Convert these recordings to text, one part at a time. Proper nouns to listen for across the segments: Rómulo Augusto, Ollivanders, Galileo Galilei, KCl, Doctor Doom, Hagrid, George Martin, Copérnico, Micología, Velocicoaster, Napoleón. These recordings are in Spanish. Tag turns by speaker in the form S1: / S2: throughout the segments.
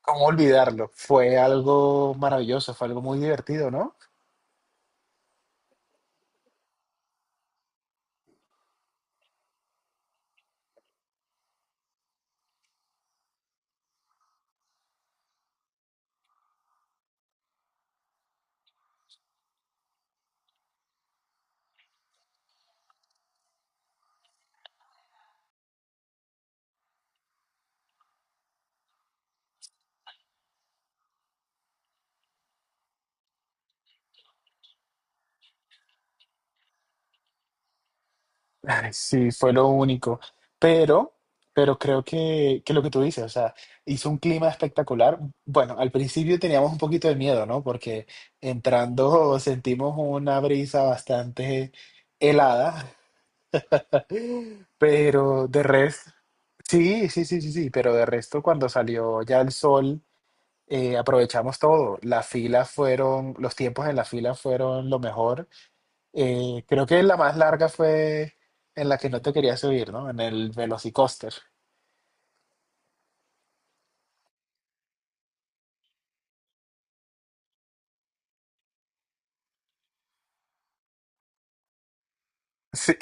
S1: ¿Cómo olvidarlo? Fue algo maravilloso, fue algo muy divertido, ¿no? Ay, sí, fue lo único. Pero, pero creo que lo que tú dices, o sea, hizo un clima espectacular. Bueno, al principio teníamos un poquito de miedo, ¿no? Porque entrando sentimos una brisa bastante helada, pero de resto, sí, sí, sí, sí, sí, pero de resto cuando salió ya el sol, aprovechamos todo. Los tiempos en la fila fueron lo mejor. Creo que la más larga fue en la que no te quería subir, ¿no? En el Velocicoaster. Sí.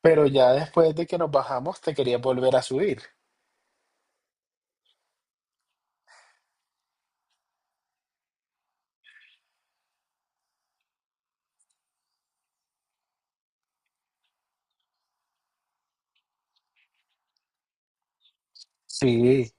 S1: Pero ya después de que nos bajamos, te quería volver a subir. Sí,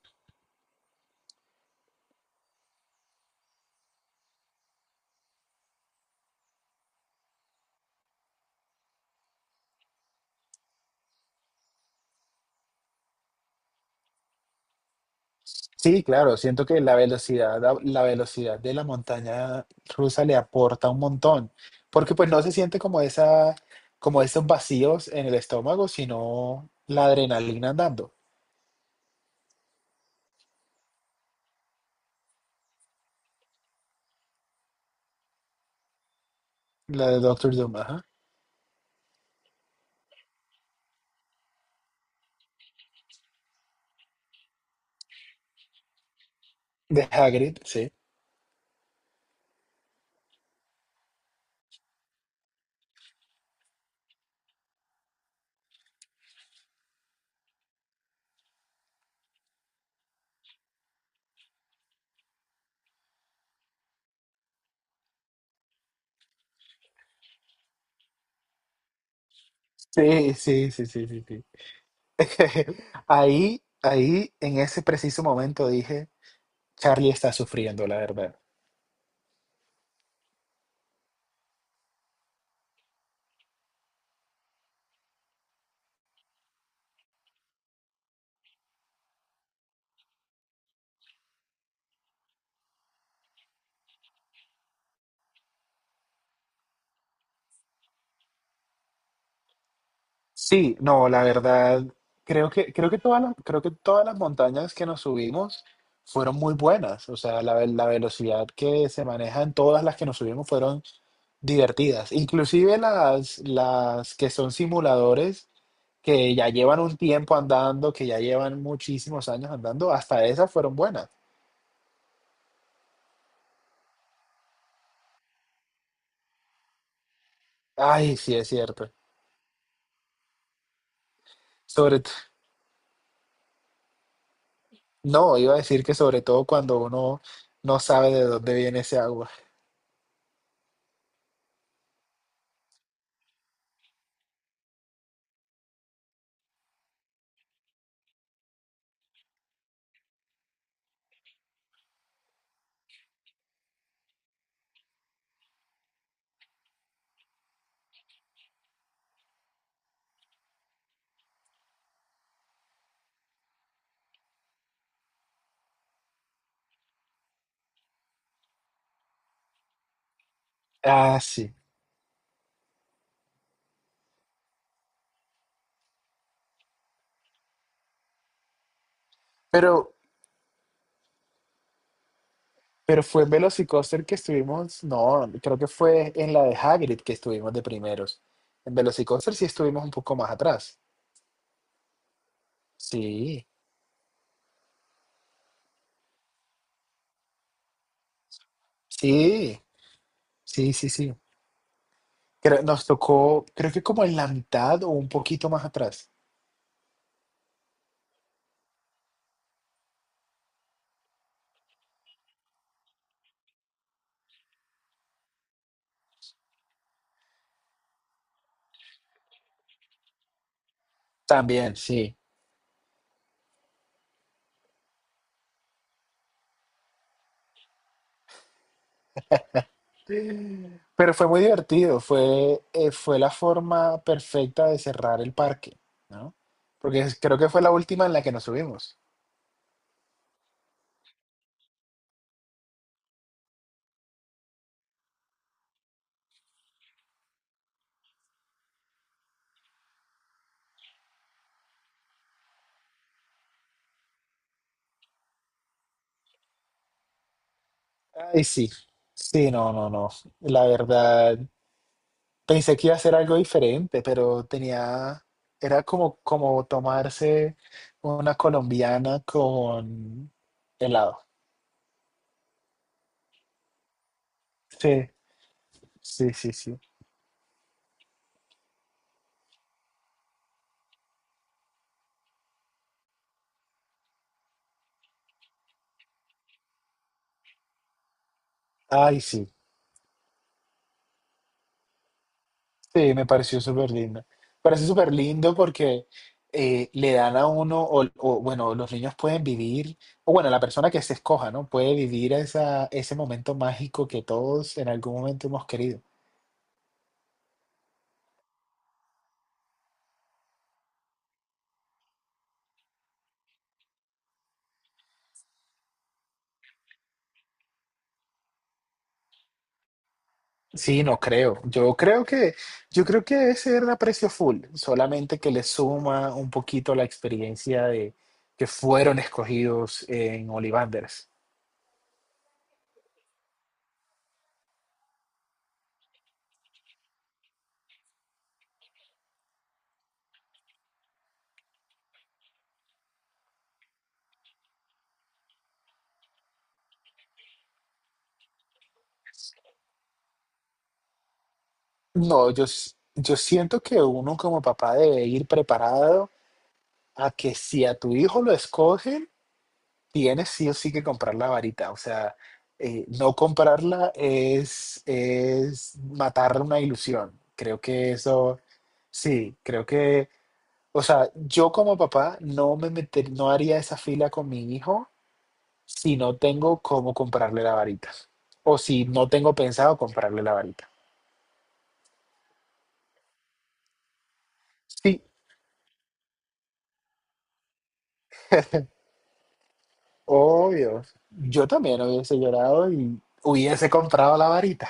S1: sí, claro, siento que la velocidad de la montaña rusa le aporta un montón, porque pues no se siente como esa, como esos vacíos en el estómago, sino la adrenalina andando, la de Doctor Doom, ajá, de Hagrid, sí. Sí, sí, sí, sí, sí, sí. Ahí, ahí, en ese preciso momento dije, Charlie está sufriendo, la verdad. Sí, no, la verdad, creo que todas las montañas que nos subimos fueron muy buenas. O sea, la velocidad que se maneja en todas las que nos subimos fueron divertidas. Inclusive las que son simuladores, que ya llevan un tiempo andando, que ya llevan muchísimos años andando, hasta esas fueron buenas. Ay, sí, es cierto. Sobre, No, iba a decir que sobre todo cuando uno no sabe de dónde viene ese agua. Ah, sí. Pero, pero fue en Velocicoaster que estuvimos, no, creo que fue en la de Hagrid que estuvimos de primeros. En Velocicoaster sí estuvimos un poco más atrás. Sí, sí, sí, sí, sí. Creo- nos tocó, creo que como en la mitad o un poquito más atrás. También, sí. Pero fue muy divertido, fue la forma perfecta de cerrar el parque, ¿no? Porque es- creo que fue la última en la que nos subimos. Ay, sí, sí, no, no, no. La verdad, pensé que iba a ser algo diferente, pero tenía, era como, como tomarse una colombiana con helado. Sí, sí, sí, sí. Ay, sí. Sí, me pareció súper lindo. Parece súper lindo porque le dan a uno, o, bueno, los niños pueden vivir, o bueno, la persona que se escoja, ¿no? Puede vivir esa, ese momento mágico que todos en algún momento hemos querido. Sí, no creo. Yo creo que debe ser a precio full, solamente que le suma un poquito la experiencia de que fueron escogidos en Ollivanders. No, yo, s- yo siento que uno como papá debe ir preparado a que si a tu hijo lo escogen, tienes sí o sí que comprar la varita. O sea, no comprarla es matar una ilusión. Creo que eso, sí, creo que, o sea, yo como papá no me meter, no haría esa fila con mi hijo si no tengo cómo comprarle la varita. O si no tengo pensado comprarle la varita. Sí, obvio. Yo también hubiese llorado y hubiese comprado la varita.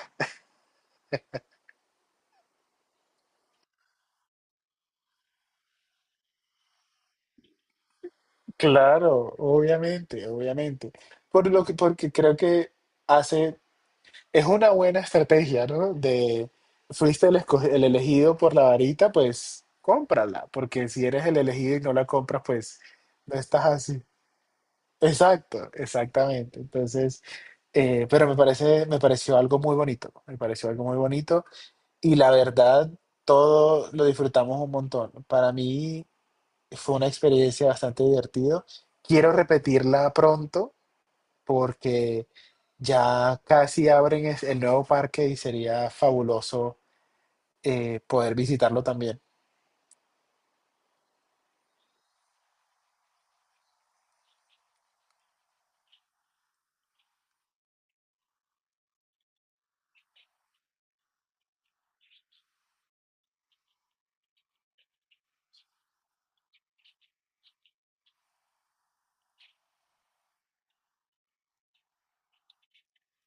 S1: Claro, obviamente, obviamente. Por lo que, porque creo que hace, es una buena estrategia, ¿no? De, fuiste el, esco- el elegido por la varita, pues cómprala, porque si eres el elegido y no la compras, pues no estás así. Exacto, exactamente. Entonces, pero me parece, me pareció algo muy bonito, me pareció algo muy bonito y la verdad, todo lo disfrutamos un montón. Para mí fue una experiencia bastante divertida. Quiero repetirla pronto porque ya casi abren es- el nuevo parque y sería fabuloso poder visitarlo también.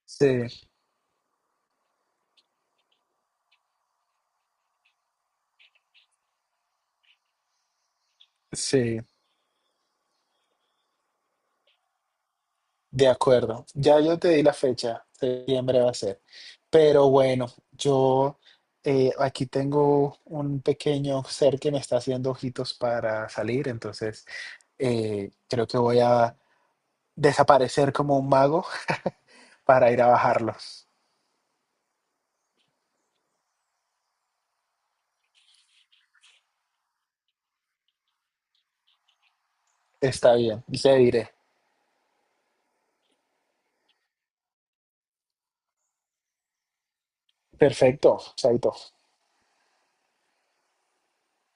S1: Sí, sí, de acuerdo. Ya yo te di la fecha, septiembre va a ser. Pero bueno, yo aquí tengo un pequeño ser que me está haciendo ojitos para salir, entonces creo que voy a desaparecer como un mago para ir a bajarlo. Está bien, le diré. Perfecto, Chaito.